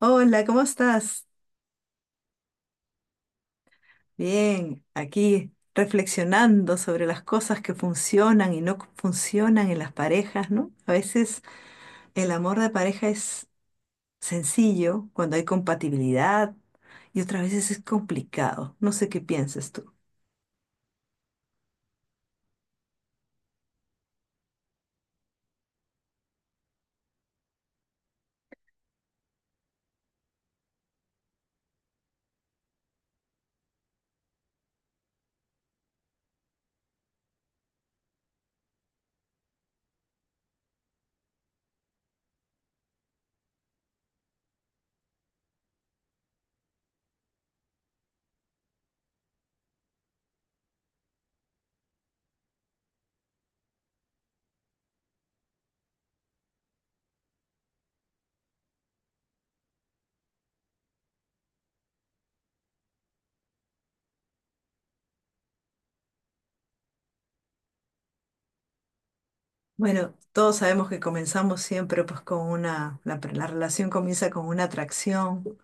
Hola, ¿cómo estás? Bien, aquí reflexionando sobre las cosas que funcionan y no funcionan en las parejas, ¿no? A veces el amor de pareja es sencillo cuando hay compatibilidad y otras veces es complicado. No sé qué piensas tú. Bueno, todos sabemos que comenzamos siempre pues con una, la, la relación comienza con una atracción,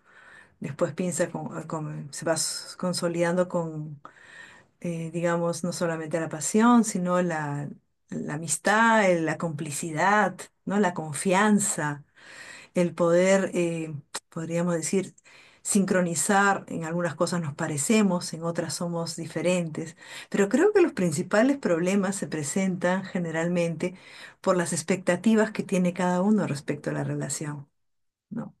después piensa se va consolidando digamos, no solamente la pasión, sino la amistad, la complicidad, ¿no? La confianza, el poder, podríamos decir, sincronizar, en algunas cosas nos parecemos, en otras somos diferentes, pero creo que los principales problemas se presentan generalmente por las expectativas que tiene cada uno respecto a la relación. ¿No?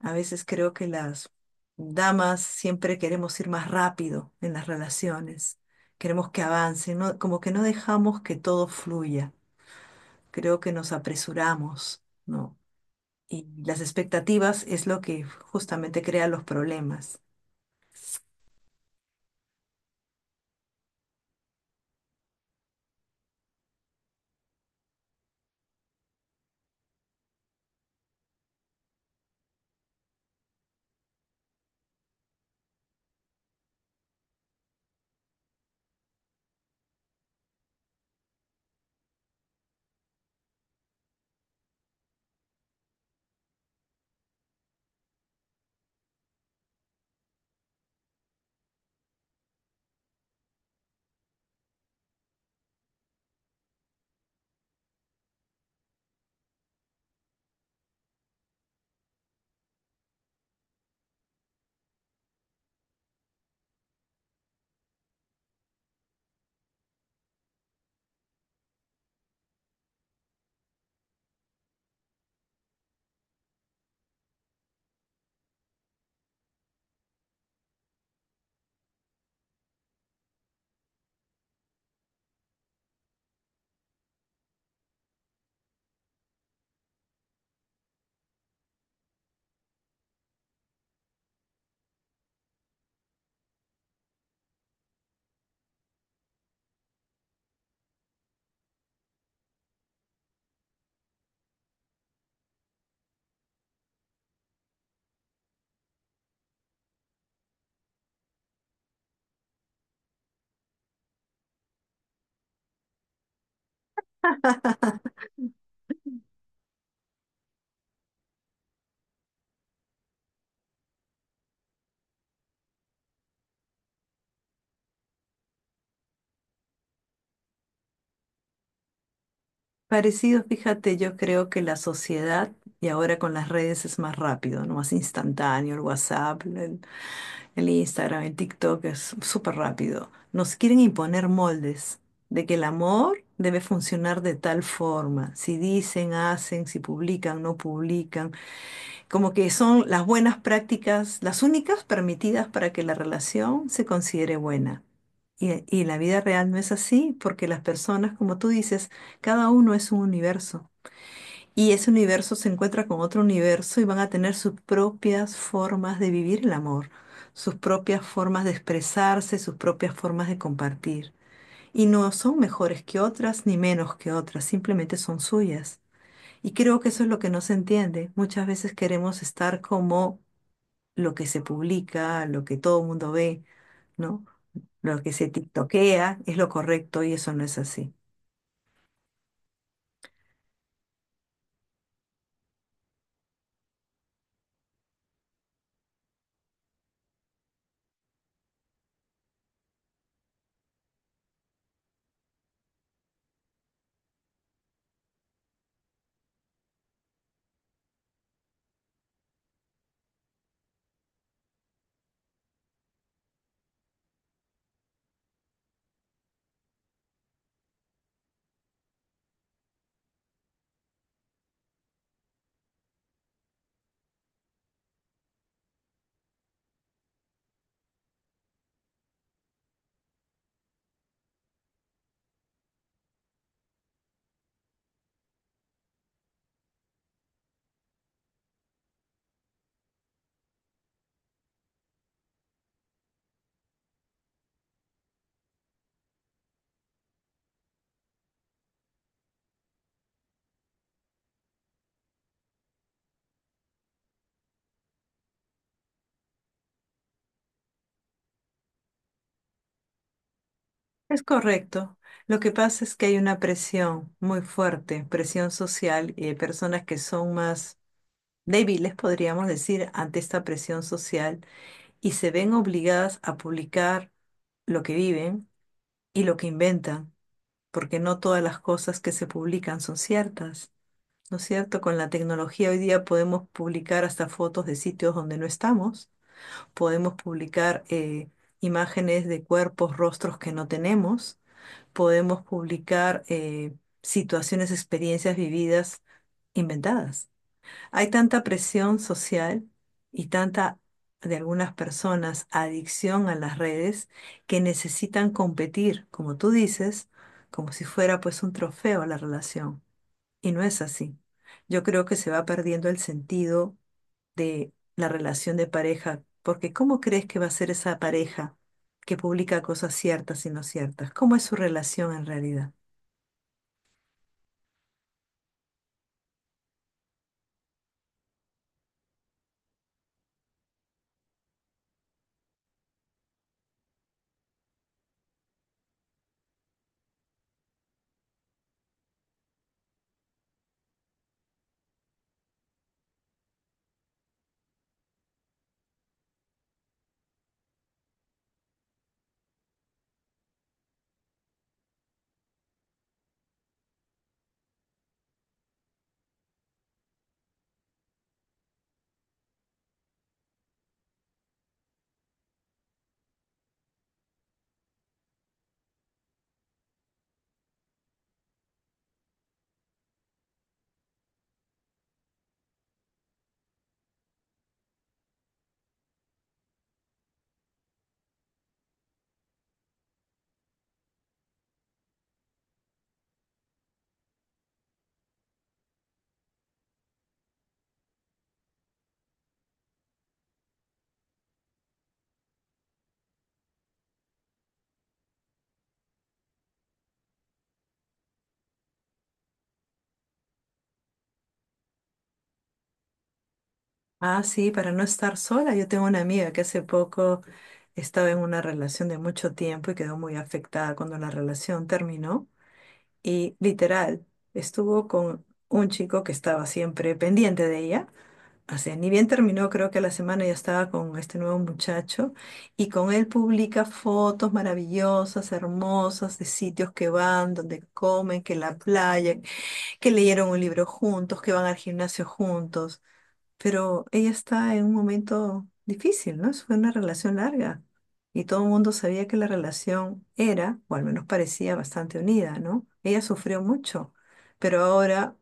A veces creo que las damas siempre queremos ir más rápido en las relaciones, queremos que avancen, ¿no? Como que no dejamos que todo fluya, creo que nos apresuramos, ¿no? Y las expectativas es lo que justamente crea los problemas. Parecido, fíjate, yo creo que la sociedad, y ahora con las redes es más rápido, ¿no? Más instantáneo, el WhatsApp, en el Instagram, en TikTok, es súper rápido. Nos quieren imponer moldes de que el amor debe funcionar de tal forma. Si dicen, hacen, si publican, no publican. Como que son las buenas prácticas, las únicas permitidas para que la relación se considere buena. Y la vida real no es así, porque las personas, como tú dices, cada uno es un universo. Y ese universo se encuentra con otro universo y van a tener sus propias formas de vivir el amor, sus propias formas de expresarse, sus propias formas de compartir. Y no son mejores que otras ni menos que otras, simplemente son suyas. Y creo que eso es lo que no se entiende. Muchas veces queremos estar como lo que se publica, lo que todo el mundo ve, ¿no? Lo que se tiktokea es lo correcto y eso no es así. Es correcto. Lo que pasa es que hay una presión muy fuerte, presión social, y hay personas que son más débiles, podríamos decir, ante esta presión social y se ven obligadas a publicar lo que viven y lo que inventan, porque no todas las cosas que se publican son ciertas, ¿no es cierto? Con la tecnología hoy día podemos publicar hasta fotos de sitios donde no estamos, podemos publicar imágenes de cuerpos, rostros que no tenemos. Podemos publicar situaciones, experiencias vividas, inventadas. Hay tanta presión social y tanta, de algunas personas, adicción a las redes, que necesitan competir, como tú dices, como si fuera pues un trofeo a la relación. Y no es así. Yo creo que se va perdiendo el sentido de la relación de pareja, porque ¿cómo crees que va a ser esa pareja que publica cosas ciertas y no ciertas? ¿Cómo es su relación en realidad? Ah, sí, para no estar sola. Yo tengo una amiga que hace poco estaba en una relación de mucho tiempo y quedó muy afectada cuando la relación terminó. Y literal, estuvo con un chico que estaba siempre pendiente de ella. O sea, ni bien terminó, creo que a la semana ya estaba con este nuevo muchacho y con él publica fotos maravillosas, hermosas, de sitios que van, donde comen, que la playa, que leyeron un libro juntos, que van al gimnasio juntos, pero ella está en un momento difícil, ¿no? Eso fue una relación larga y todo el mundo sabía que la relación era, o al menos parecía, bastante unida, ¿no? Ella sufrió mucho, pero ahora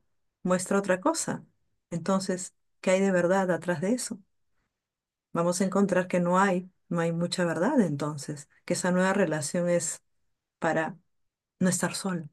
muestra otra cosa. Entonces, ¿qué hay de verdad atrás de eso? Vamos a encontrar que no hay mucha verdad, entonces, que esa nueva relación es para no estar solo.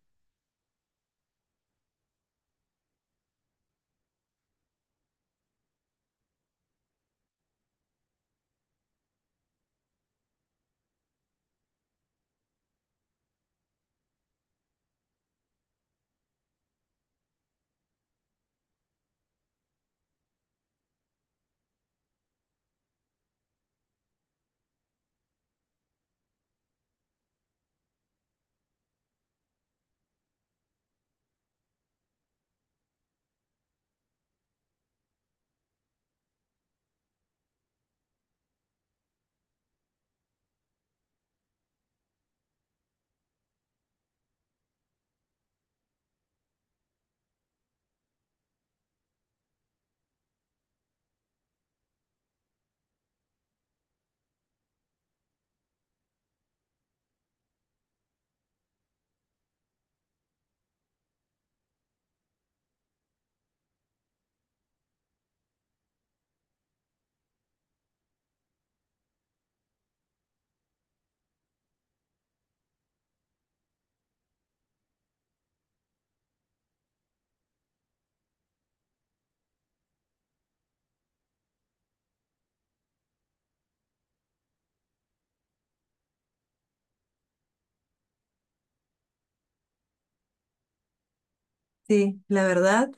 Sí, la verdad,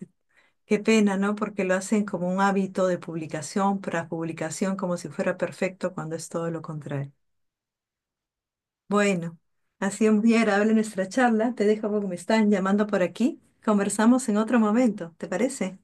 qué pena, ¿no? Porque lo hacen como un hábito de publicación tras publicación, como si fuera perfecto cuando es todo lo contrario. Bueno, ha sido muy agradable nuestra charla. Te dejo porque me están llamando por aquí. Conversamos en otro momento, ¿te parece?